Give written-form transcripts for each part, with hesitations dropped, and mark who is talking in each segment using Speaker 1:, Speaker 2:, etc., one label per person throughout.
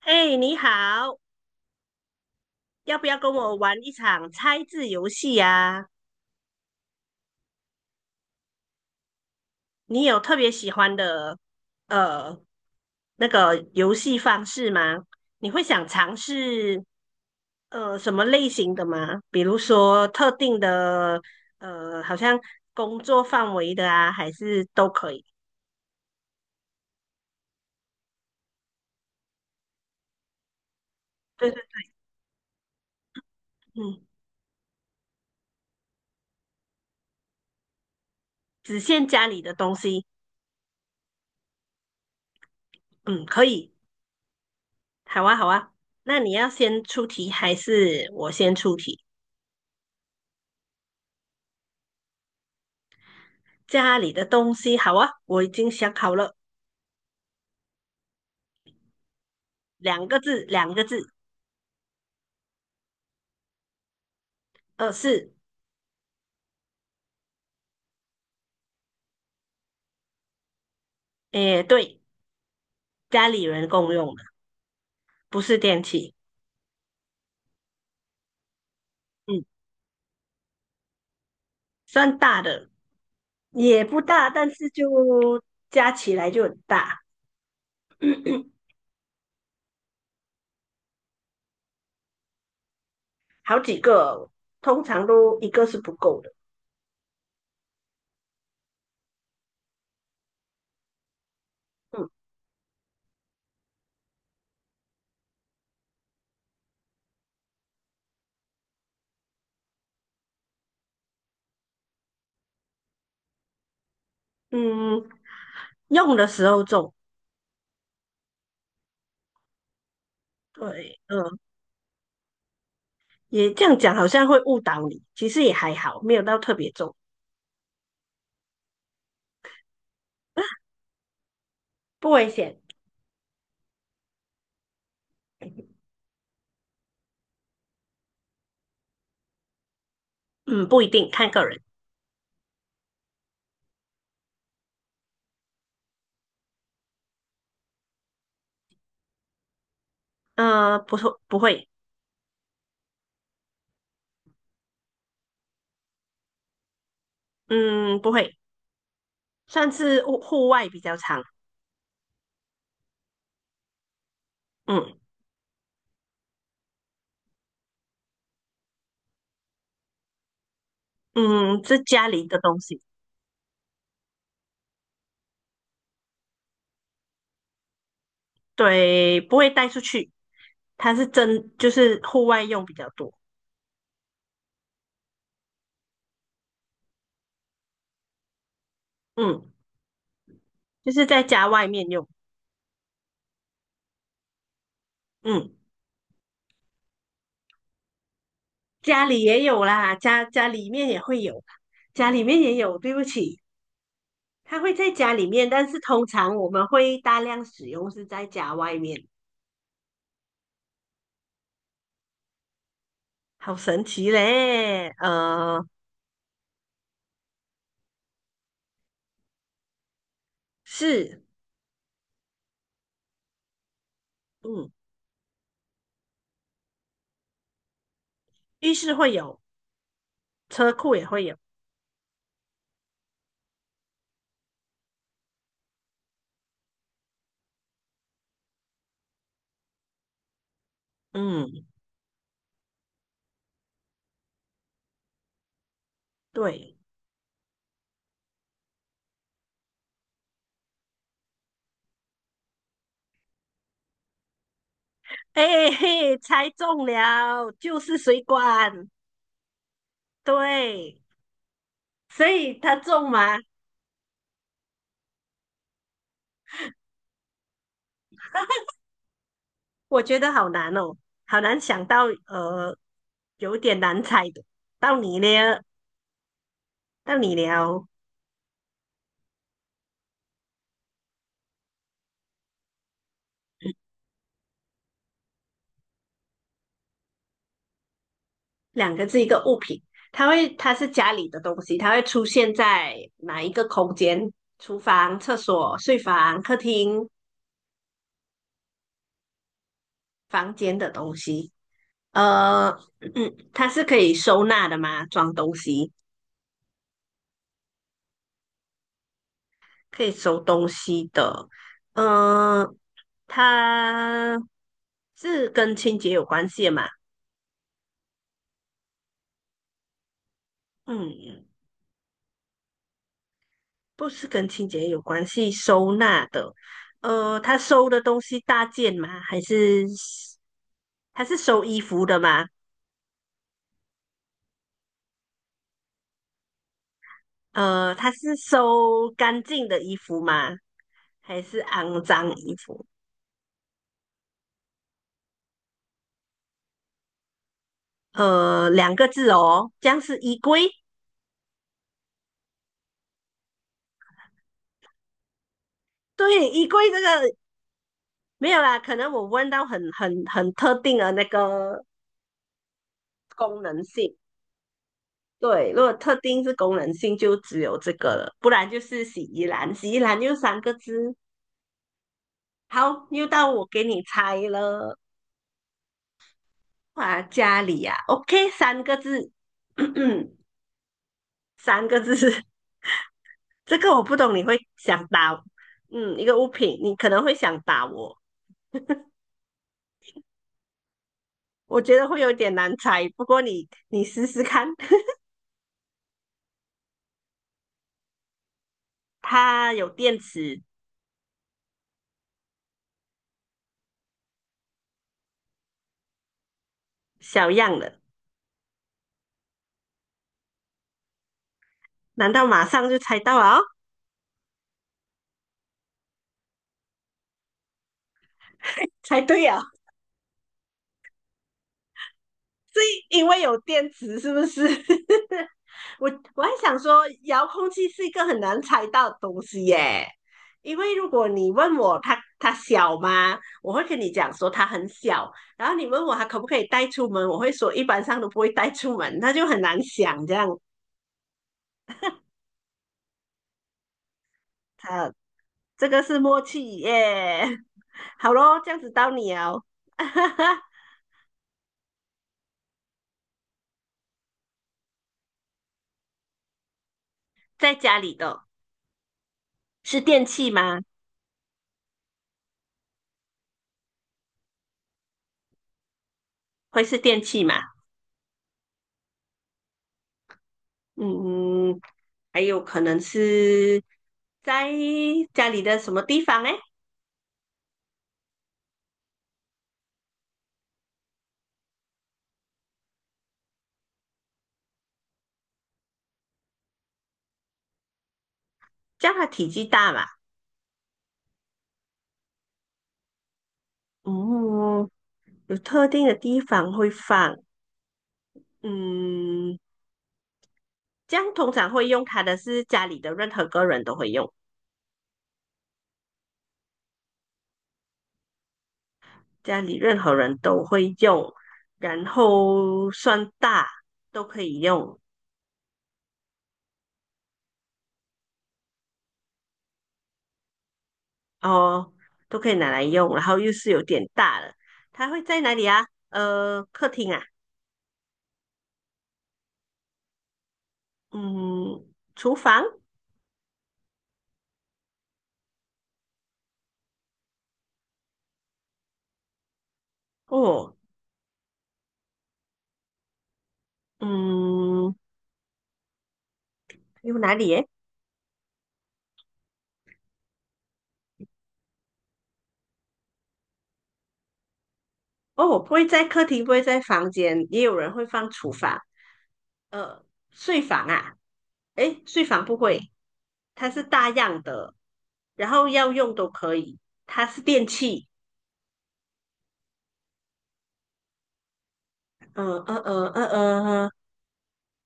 Speaker 1: 哎，你好，要不要跟我玩一场猜字游戏呀？你有特别喜欢的呃那个游戏方式吗？你会想尝试什么类型的吗？比如说特定的呃，好像工作范围的啊，还是都可以？对对，嗯，只限家里的东西，嗯，可以，好啊，好啊。那你要先出题还是我先出题？家里的东西好啊，我已经想好了，两个字，两个字，是，诶，对，家里人共用的，不是电器，嗯，算大的，也不大，但是加起来就很大，好几个，通常都一个是不够的，嗯嗯，用的时候重，对，嗯，也这样讲好像会误导你，其实也还好，没有到特别重，不危险，嗯，不一定，看个人，不错，不会，嗯，不会。算是户外比较长，嗯嗯，是家里的东西，对，不会带出去，它是真就是户外用比较多，嗯，就是在家外面用，嗯，家里也有啦，家里面也会有，家里面也有，对不起，它会在家里面，但是通常我们会大量使用是在家外面，好神奇嘞，是，嗯，浴室会有，车库也会有，嗯，对。哎、嘿，猜中了，就是水管。对，所以他中吗？我觉得好难哦，好难想到，有点难猜的。到你了，到你了，两个字一个物品，它是家里的东西，它会出现在哪一个空间？厨房、厕所、睡房、客厅、房间的东西。呃，它是可以收纳的吗？装东西。可以收东西的，嗯，呃它是跟清洁有关系的嘛？嗯，不是跟清洁有关系，收纳的，呃，他收的东西大件吗？还是他是收衣服的吗？呃，他是收干净的衣服吗？还是肮脏衣服？呃，两个字哦，这样是衣柜。对，衣柜这个没有啦，可能我问到很特定的那个功能性。对，如果特定是功能性，就只有这个了，不然就是洗衣篮。洗衣篮就三个字。好，又到我给你猜了。啊，家里啊，OK，三个字，三个字。这个我不懂，你会想打，嗯，一个物品，你可能会想打我。我觉得会有点难猜，不过你试试看，它有电池，小样的。难道马上就猜到了、哦猜对啊！是因为有电池，是不是？我我还想说，遥控器是一个很难猜到的东西耶。因为如果你问我它小吗，我会跟你讲说它很小。然后你问我它可不可以带出门，我会说一般上都不会带出门，那就很难想这样。它这个是默契耶。好咯，这样子到你哦。在家里的是电器吗？会是电器吗？嗯，还有可能是在家里的什么地方哎，这样它体积大嘛。嗯，有特定的地方会放。嗯，这样通常会用它的是家里的任何个人都会用，家里任何人都会用，然后算大都可以用哦，都可以拿来用，然后又是有点大的，它会在哪里啊？呃，客厅啊，嗯，厨房。哦，嗯，有哪里耶？哦，不会在客厅，不会在房间，也有人会放厨房。呃，睡房啊，诶，睡房不会，它是大样的，然后要用都可以，它是电器。呃呃呃呃呃，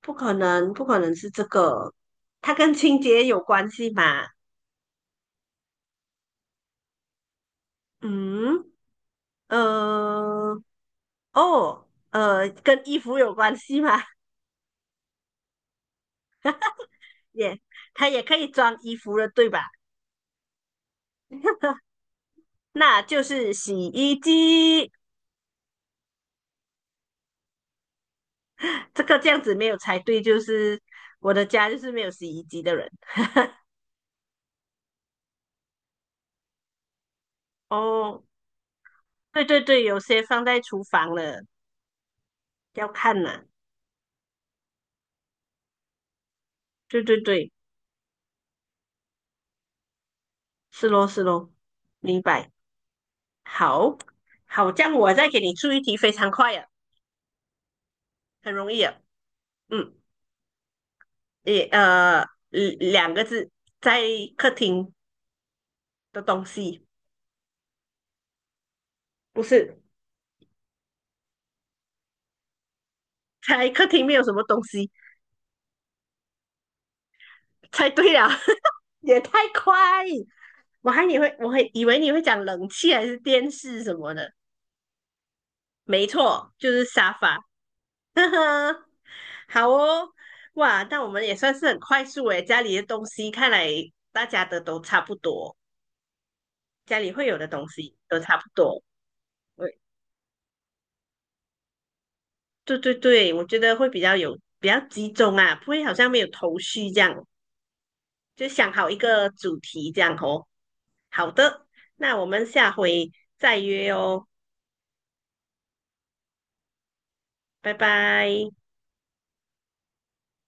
Speaker 1: 不可能，不可能是这个，它跟清洁有关系吗？嗯，呃，跟衣服有关系吗？也，它也可以装衣服的，对吧？那就是洗衣机。这个这样子没有猜对，就是我的家就是没有洗衣机的人。哦，对对对，有些放在厨房了，要看呐、对对对，是咯是咯，明白。好，好，这样我再给你出一题，非常快啊，很容易啊。嗯，也呃，两个字，在客厅的东西，不是，在客厅没有什么东西。猜对了，也太快。我会以为你会讲冷气还是电视什么的，没错，就是沙发。呵呵，好哦，哇，但我们也算是很快速诶，家里的东西看来大家的都差不多，家里会有的东西都差不多。对对，我觉得会比较有比较集中啊，不会好像没有头绪这样，就想好一个主题这样哦。好的，那我们下回再约哦，拜拜。